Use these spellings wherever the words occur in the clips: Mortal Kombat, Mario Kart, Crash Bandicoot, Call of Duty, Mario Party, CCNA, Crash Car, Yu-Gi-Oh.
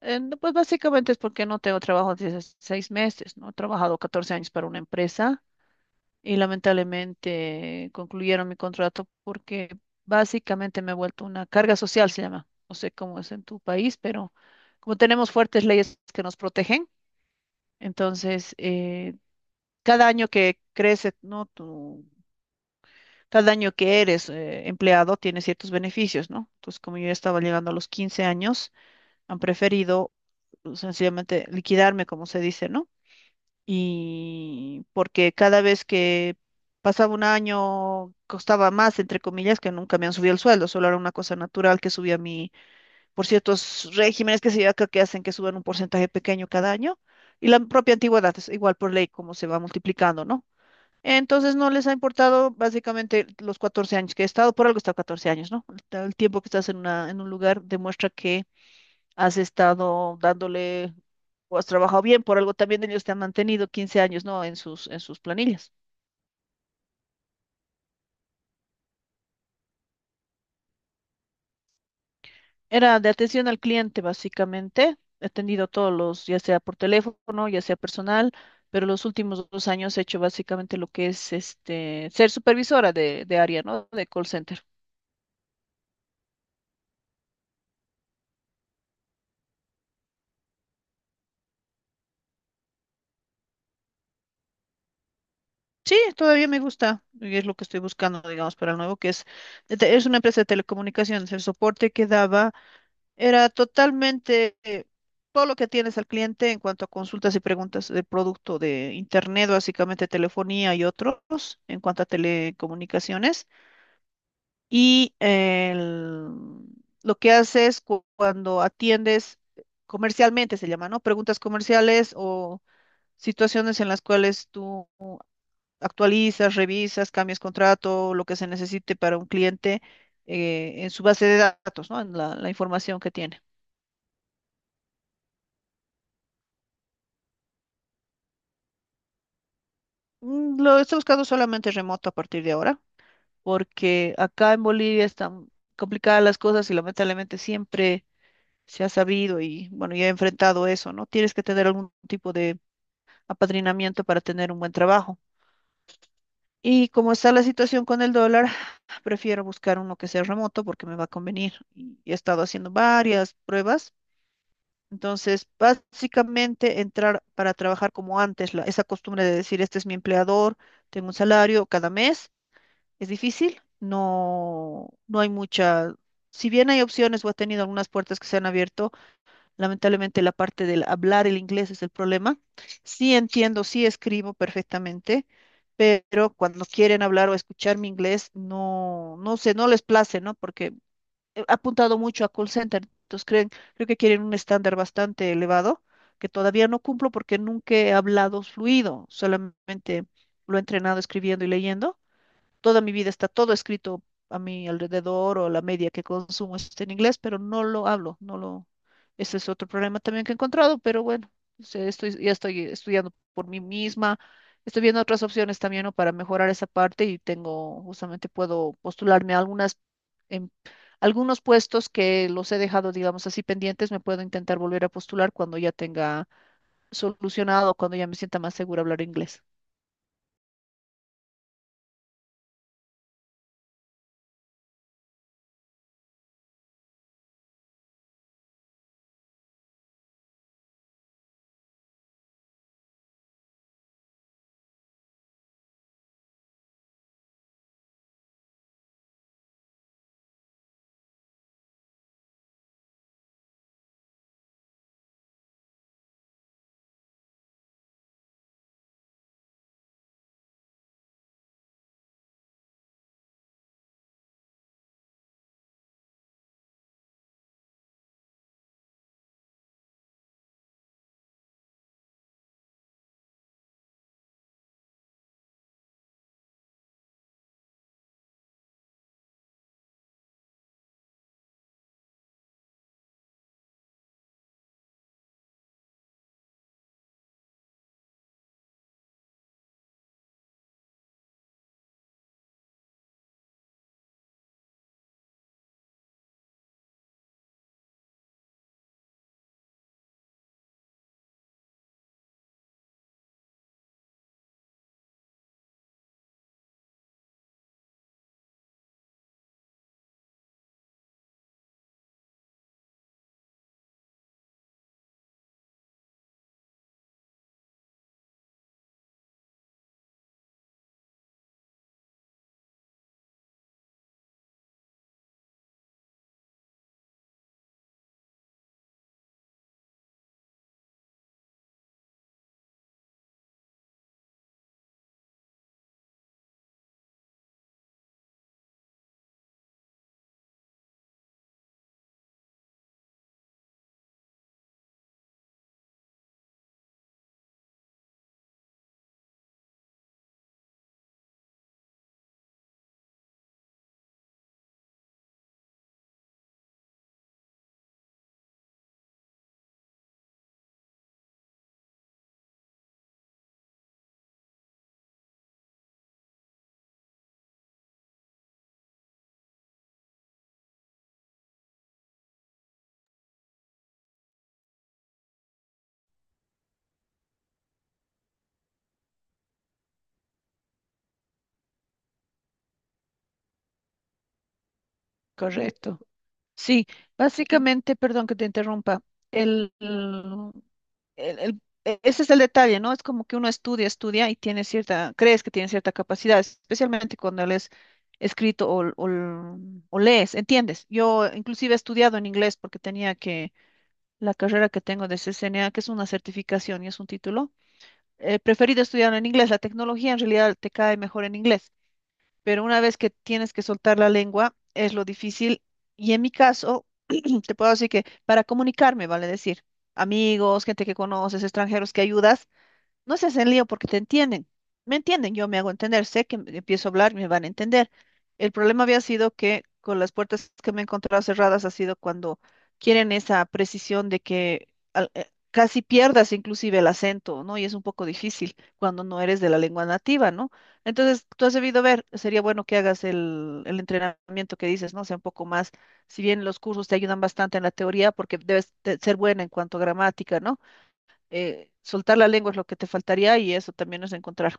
No, pues básicamente es porque no tengo trabajo desde hace 6 meses, ¿no? He trabajado 14 años para una empresa y lamentablemente concluyeron mi contrato porque básicamente me he vuelto una carga social, se llama. No sé cómo es en tu país, pero como tenemos fuertes leyes que nos protegen, entonces cada año que crece, ¿no? Cada año que eres empleado tiene ciertos beneficios, ¿no? Entonces, como yo ya estaba llegando a los 15 años, han preferido pues, sencillamente liquidarme, como se dice, ¿no? Y porque cada vez que pasaba un año costaba más, entre comillas, que nunca me han subido el sueldo, solo era una cosa natural que subía mi, por ciertos regímenes que se lleva acá que hacen que suban un porcentaje pequeño cada año, y la propia antigüedad es igual por ley como se va multiplicando, ¿no? Entonces no les ha importado básicamente los 14 años que he estado, por algo he estado 14 años, ¿no? El tiempo que estás en un lugar demuestra que has estado dándole o has trabajado bien, por algo también ellos te han mantenido 15 años, ¿no? En sus planillas. Era de atención al cliente, básicamente. He atendido todos los, ya sea por teléfono, ya sea personal, pero los últimos 2 años he hecho básicamente lo que es este, ser supervisora de área, ¿no? De call center. Sí, todavía me gusta y es lo que estoy buscando, digamos, para el nuevo, que es, es una empresa de telecomunicaciones. El soporte que daba era totalmente todo lo que tienes al cliente en cuanto a consultas y preguntas de producto de Internet, básicamente telefonía y otros, en cuanto a telecomunicaciones. Y el- lo que haces cuando atiendes comercialmente, se llama, ¿no? Preguntas comerciales o situaciones en las cuales tú actualizas, revisas, cambias contrato, lo que se necesite para un cliente en su base de datos, ¿no? En la información que tiene. Lo estoy buscando solamente remoto a partir de ahora, porque acá en Bolivia están complicadas las cosas y lamentablemente siempre se ha sabido y bueno, ya he enfrentado eso, ¿no? Tienes que tener algún tipo de apadrinamiento para tener un buen trabajo. Y como está la situación con el dólar, prefiero buscar uno que sea remoto porque me va a convenir. Y he estado haciendo varias pruebas. Entonces, básicamente entrar para trabajar como antes, esa costumbre de decir, este es mi empleador, tengo un salario cada mes. Es difícil, no, no hay mucha, si bien hay opciones o he tenido algunas puertas que se han abierto, lamentablemente la parte del hablar el inglés es el problema. Sí entiendo, sí escribo perfectamente, pero cuando quieren hablar o escuchar mi inglés, no, no sé, no les place, ¿no? Porque he apuntado mucho a call center, entonces creo que quieren un estándar bastante elevado, que todavía no cumplo porque nunca he hablado fluido, solamente lo he entrenado escribiendo y leyendo toda mi vida está todo escrito a mi alrededor o la media que consumo está en inglés, pero no lo hablo, no lo. Ese es otro problema también que he encontrado, pero bueno, ya estoy estudiando por mí misma, estoy viendo otras opciones también, ¿no? Para mejorar esa parte y justamente puedo postularme a em- algunos puestos que los he dejado, digamos así, pendientes, me puedo intentar volver a postular cuando ya tenga solucionado, cuando ya me sienta más segura hablar inglés. Correcto. Sí, básicamente, perdón que te interrumpa, el, el- ese es el detalle, ¿no? Es como que uno estudia, estudia y tiene crees que tiene cierta capacidad, especialmente cuando lees escrito o lees, ¿entiendes? Yo inclusive he estudiado en inglés porque tenía que, la carrera que tengo de CCNA, que es una certificación y es un título, he preferido estudiar en inglés, la tecnología en realidad te cae mejor en inglés pero una vez que tienes que soltar la lengua, es lo difícil. Y en mi caso, te puedo decir que para comunicarme, vale decir, amigos, gente que conoces, extranjeros que ayudas, no se hacen lío porque te entienden. Me entienden, yo me hago entender, sé que empiezo a hablar, me van a entender. El problema había sido que con las puertas que me he encontrado cerradas ha sido cuando quieren esa precisión de que casi pierdas inclusive el acento, ¿no? Y es un poco difícil cuando no eres de la lengua nativa, ¿no? Entonces, tú has debido ver, sería bueno que hagas el entrenamiento que dices, ¿no? O sea, un poco más, si bien los cursos te ayudan bastante en la teoría, porque debes de ser buena en cuanto a gramática, ¿no? Soltar la lengua es lo que te faltaría y eso también es encontrar.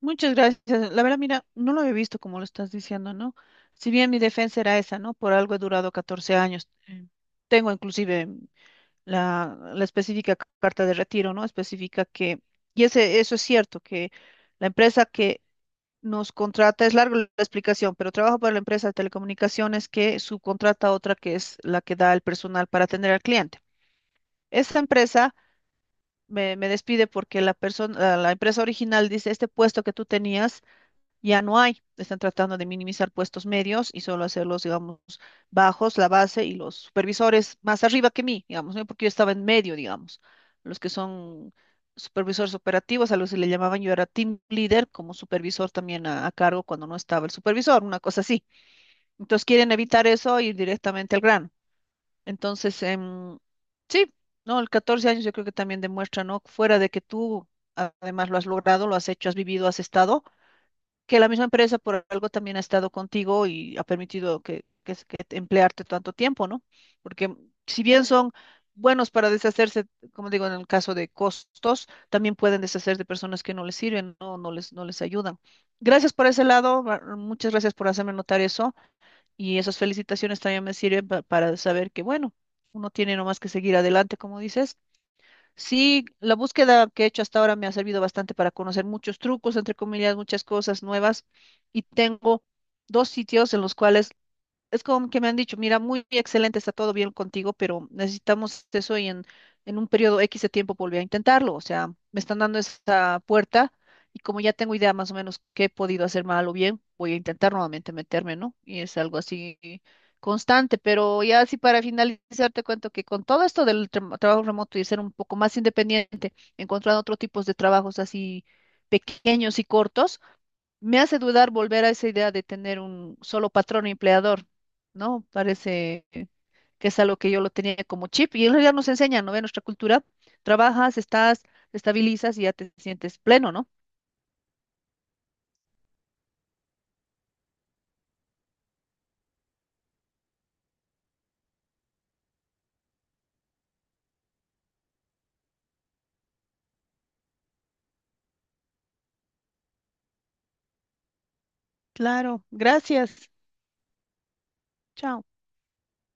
Muchas gracias. La verdad, mira, no lo he visto como lo estás diciendo, ¿no? Si bien mi defensa era esa, ¿no? Por algo he durado 14 años. Tengo inclusive la específica carta de retiro, ¿no? Específica que, y eso es cierto, que la empresa que nos contrata, es larga la explicación, pero trabajo para la empresa de telecomunicaciones que subcontrata a otra que es la que da el personal para atender al cliente. Esta empresa me despide porque la persona, la empresa original dice, este puesto que tú tenías ya no hay. Están tratando de minimizar puestos medios y solo hacerlos, digamos, bajos, la base y los supervisores más arriba que mí, digamos, ¿no? Porque yo estaba en medio, digamos. Los que son supervisores operativos, a los que le llamaban yo era team leader, como supervisor también a cargo cuando no estaba el supervisor, una cosa así. Entonces quieren evitar eso ir directamente al grano. Entonces, sí, ¿no? El 14 años yo creo que también demuestra, ¿no? Fuera de que tú además lo has logrado, lo has hecho, has vivido, has estado, que la misma empresa por algo también ha estado contigo y ha permitido que, es- que te- emplearte tanto tiempo, ¿no? Porque si bien son buenos para deshacerse, como digo, en el caso de costos, también pueden deshacerse de personas que no les sirven, ¿no? No les ayudan. Gracias por ese lado, muchas gracias por hacerme notar eso. Y esas felicitaciones también me sirven para saber que, bueno, uno tiene nomás que seguir adelante, como dices. Sí, la búsqueda que he hecho hasta ahora me ha servido bastante para conocer muchos trucos, entre comillas, muchas cosas nuevas. Y tengo dos sitios en los cuales es como que me han dicho, mira, muy excelente, está todo bien contigo, pero necesitamos eso y en un periodo X de tiempo volví a intentarlo. O sea, me están dando esa puerta y como ya tengo idea más o menos qué he podido hacer mal o bien, voy a intentar nuevamente meterme, ¿no? Y es algo así constante, pero ya así para finalizar te cuento que con todo esto del trabajo remoto y ser un poco más independiente, encontrando otro tipos de trabajos así pequeños y cortos me hace dudar volver a esa idea de tener un solo patrón empleador, ¿no? Parece que es algo que yo lo tenía como chip y en realidad nos enseña, ¿no? En nuestra cultura, trabajas, estás, te estabilizas y ya te sientes pleno, ¿no? Claro, gracias. Chao.